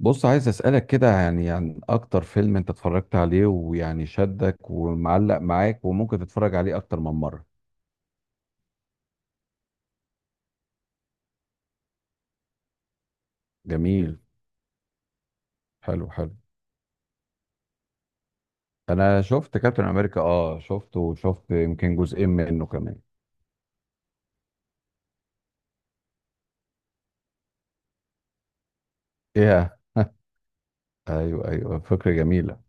بص، عايز أسألك كده يعني عن أكتر فيلم أنت اتفرجت عليه ويعني شدك ومعلق معاك وممكن تتفرج عليه أكتر من مرة؟ جميل. حلو، حلو. أنا شفت كابتن أمريكا، أه شفته وشفت يمكن جزئين منه كمان. إيه؟ أيوه، أيوه، فكرة جميلة.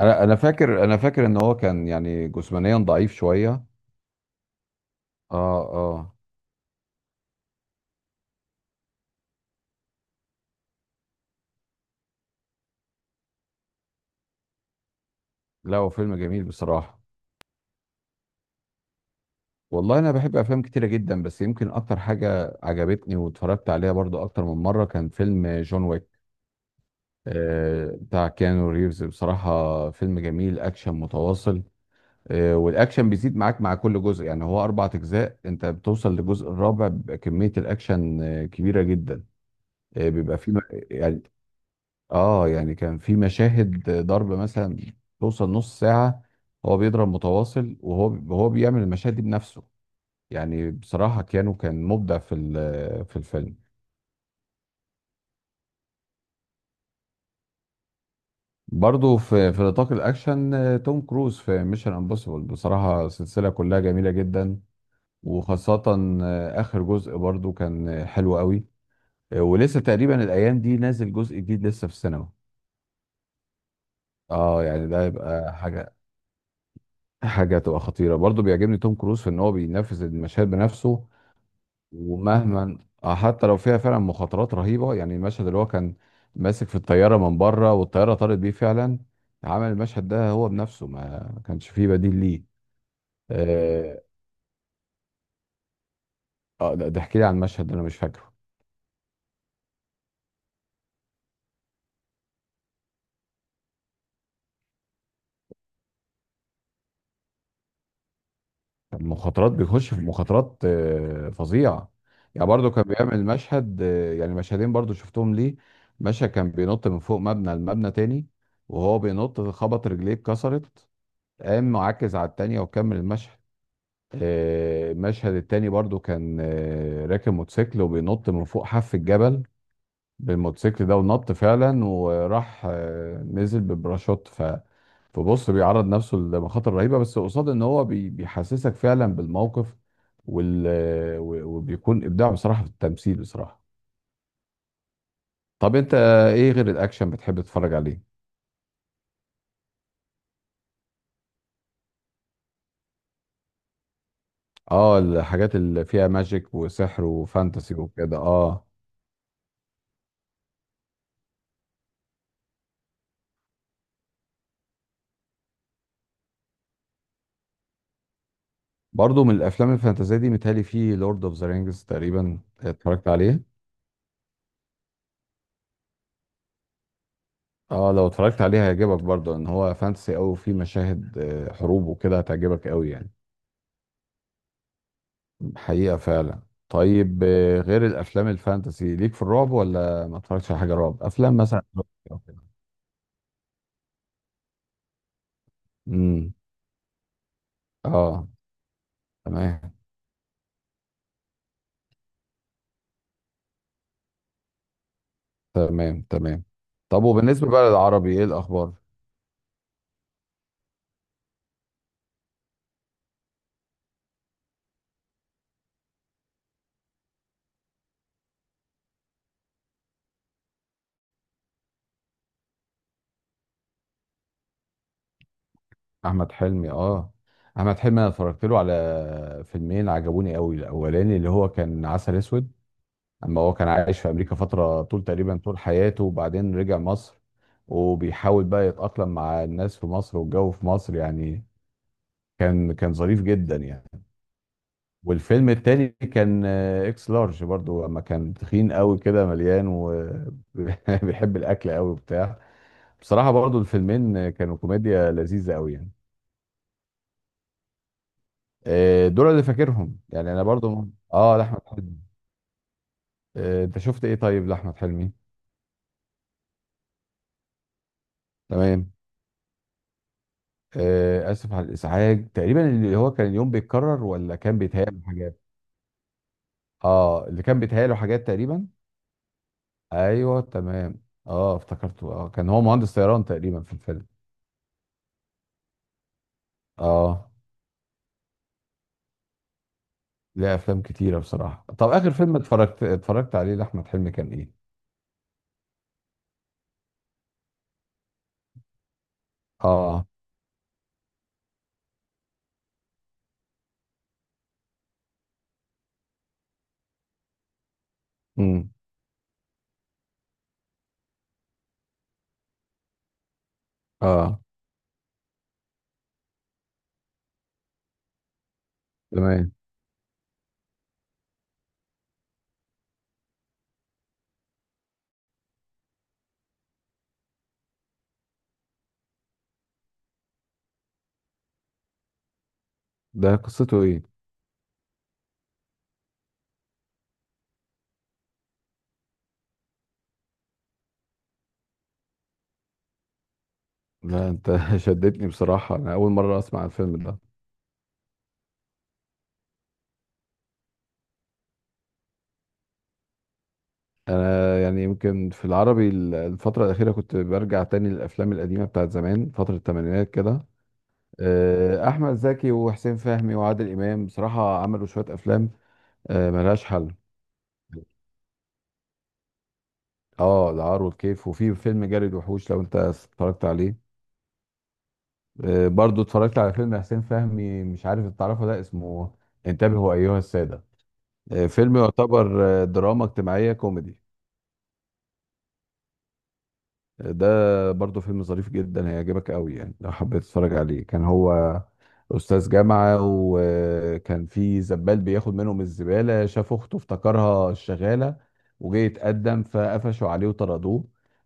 أنا فاكر إن هو كان يعني جسمانيا ضعيف شوية. أه. أه. لا، هو فيلم جميل بصراحة. والله، أنا بحب أفلام كتيرة جدا، بس يمكن أكتر حاجة عجبتني واتفرجت عليها برضو أكتر من مرة كان فيلم جون ويك. بتاع كيانو ريفز، بصراحة فيلم جميل أكشن متواصل. والأكشن بيزيد معاك مع كل جزء، يعني هو أربع أجزاء، أنت بتوصل للجزء الرابع بيبقى كمية الأكشن كبيرة جدا. آه، بيبقى في م- يعني يعني كان في مشاهد ضرب مثلا توصل نص ساعة. هو بيضرب متواصل، وهو بيعمل المشاهد دي بنفسه. يعني بصراحة كيانو كان مبدع في الفيلم. برضه في نطاق الاكشن، توم كروز في ميشن امبوسيبل، بصراحه سلسله كلها جميله جدا. وخاصه اخر جزء برضه كان حلو قوي. ولسه تقريبا الايام دي نازل جزء جديد لسه في السينما. اه يعني ده يبقى حاجه. حاجه تبقى خطيره، برضه بيعجبني توم كروز في ان هو بينفذ المشاهد بنفسه. ومهما آه، حتى لو فيها فعلا مخاطرات رهيبه، يعني المشهد اللي هو كان ماسك في الطياره من بره والطياره طارت بيه فعلا. عمل المشهد ده هو بنفسه، ما كانش فيه بديل ليه. اه. ده احكي لي عن المشهد ده، انا مش فاكره. المخاطرات بيخش في مخاطرات فظيعه. يعني برضو كان بيعمل مشهدين برضو شفتهم ليه. مشهد كان بينط من فوق مبنى لمبنى تاني، وهو بينط خبط رجليه اتكسرت، قام معكز على التانية وكمل المشهد. المشهد التاني برضو كان راكب موتوسيكل وبينط من فوق حف الجبل بالموتوسيكل ده، ونط فعلا وراح نزل ببراشوت. فبص بيعرض نفسه لمخاطر رهيبه، بس قصاد ان هو بيحسسك فعلا بالموقف. وال... وبيكون ابداع بصراحه في التمثيل بصراحه. طب انت، ايه غير الاكشن بتحب تتفرج عليه؟ اه، الحاجات اللي فيها ماجيك وسحر وفانتسي وكده، اه. برضو من الافلام الفانتازيه دي متهيألي في لورد اوف ذا رينجز تقريبا اتفرجت عليه. اه لو اتفرجت عليه هيعجبك برضو، ان هو فانتسي قوي وفيه مشاهد حروب وكده، هتعجبك قوي يعني. حقيقة فعلا. طيب، غير الأفلام الفانتسي ليك في الرعب، ولا ما اتفرجتش على حاجة رعب أفلام مثلا؟ امم. اه. تمام. تمام. تمام. طب، وبالنسبة بقى للعربي، ايه الأخبار؟ أحمد حلمي، اه. أحمد حلمي أنا اتفرجت له على فيلمين عجبوني قوي، الأولاني اللي هو كان عسل أسود. أما هو كان عايش في أمريكا فترة طول تقريبا طول حياته، وبعدين رجع مصر. وبيحاول بقى يتأقلم مع الناس في مصر والجو في مصر يعني. كان ظريف جدا يعني. والفيلم التاني كان اكس لارج، برضو لما كان تخين قوي كده مليان وبيحب الاكل قوي وبتاع. بصراحة برضو الفيلمين كانوا كوميديا لذيذة قوي يعني. دول اللي فاكرهم يعني انا برضو. اه، لاحمد حلمي. انت شفت ايه طيب لاحمد حلمي؟ تمام. اسف على الازعاج، تقريبا اللي هو كان اليوم بيتكرر، ولا كان بيتهيأله حاجات؟ اه، اللي كان بيتهيأله حاجات تقريبا. ايوه تمام، اه افتكرته، اه كان هو مهندس طيران تقريبا في الفيلم. اه. ليه افلام كتيره بصراحه. طب، اخر فيلم اتفرجت عليه لاحمد حلمي كان ايه؟ اه. امم. اه. تمام. ده قصته ايه؟ لا، انت شدتني بصراحه، انا اول مره اسمع الفيلم ده. انا يعني يمكن في العربي الفتره الاخيره كنت برجع تاني للافلام القديمه بتاعت زمان فتره الثمانينات كده. احمد زكي وحسين فهمي وعادل امام بصراحه عملوا شويه افلام ملهاش حل. اه، العار والكيف، وفي فيلم جري الوحوش لو انت اتفرجت عليه. برضو اتفرجت على فيلم حسين فهمي، مش عارف إنت تعرفه، ده اسمه انتبهوا ايها السادة. فيلم يعتبر دراما اجتماعية كوميدي. ده برضه فيلم ظريف جدا هيعجبك قوي يعني لو حبيت تتفرج عليه. كان هو أستاذ جامعة، وكان في زبال بياخد منهم الزبالة، شاف أخته افتكرها الشغالة، وجه يتقدم فقفشوا عليه وطردوه.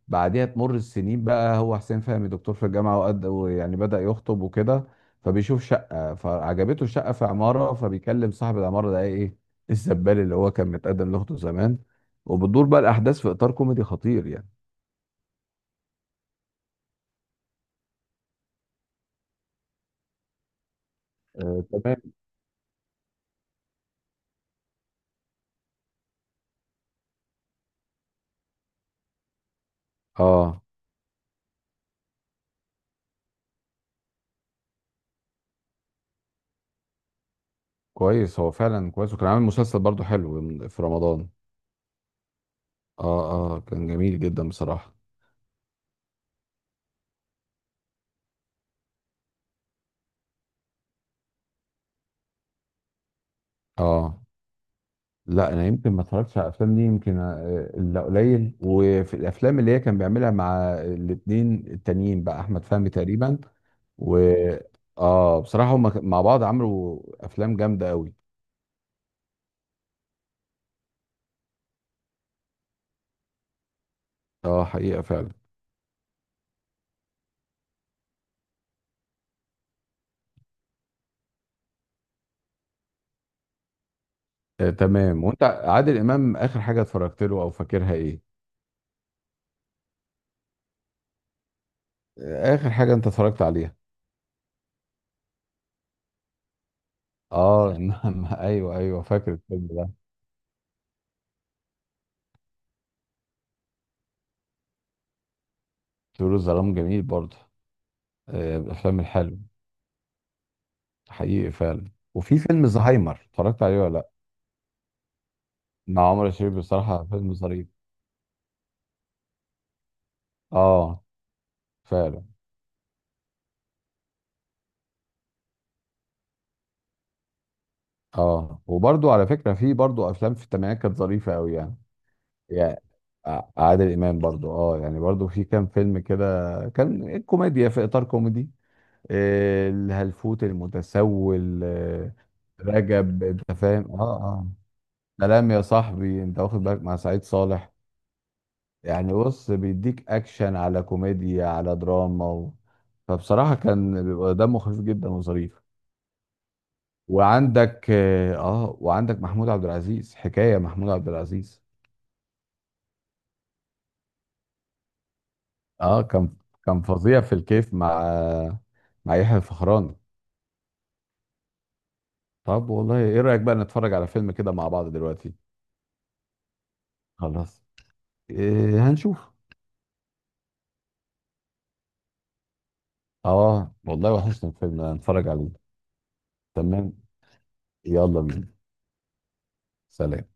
بعدها تمر السنين بقى هو حسين فهمي دكتور في الجامعة وقد، ويعني بدأ يخطب وكده، فبيشوف شقة فعجبته الشقة في عمارة، فبيكلم صاحب العمارة ده إيه الزبال اللي هو كان متقدم لأخته زمان. وبتدور بقى الأحداث في إطار كوميدي خطير يعني. تمام. اه، كويس، هو فعلا كويس، وكان عامل مسلسل برضو حلو في رمضان. اه. اه، كان جميل جدا بصراحة. اه، لا انا يمكن ما اتفرجتش على الافلام دي يمكن الا قليل، وفي الافلام اللي هي كان بيعملها مع الاتنين التانيين بقى احمد فهمي تقريبا و. اه، بصراحة هم مع بعض عملوا افلام جامدة قوي. اه، حقيقة فعلا. تمام، وانت عادل امام اخر حاجة اتفرجت له او فاكرها ايه؟ اخر حاجة انت اتفرجت عليها؟ اه نعم، ايوه، ايوه، فاكر الفيلم ده. طيور الظلام جميل برضه. من الافلام الحلوه. حقيقي فعلا، وفي فيلم زهايمر اتفرجت عليه ولا لا؟ مع عمر الشريف بصراحه فيلم ظريف. اه. فعلا. اه، وبرضه على فكره، في برضه افلام في الثمانينات كانت ظريفه قوي يعني. يعني عادل امام برضه اه، يعني برضه في كام فيلم كده كان كوميديا في اطار كوميدي. الهلفوت المتسول، رجب، انت فاهم، اه، اه. سلام يا صاحبي، انت واخد بالك مع سعيد صالح. يعني بص بيديك اكشن على كوميديا على دراما. فبصراحه كان بيبقى دمه خفيف جدا وظريف. وعندك اه آه، وعندك محمود عبد العزيز، حكايه محمود عبد العزيز. اه، كان فظيع في الكيف مع يحيى الفخراني. طب والله ايه رايك بقى نتفرج على فيلم كده مع بعض دلوقتي؟ خلاص، إيه هنشوف؟ اه والله، وحشنا الفيلم نتفرج عليه. تمام، يلا بينا. سلام.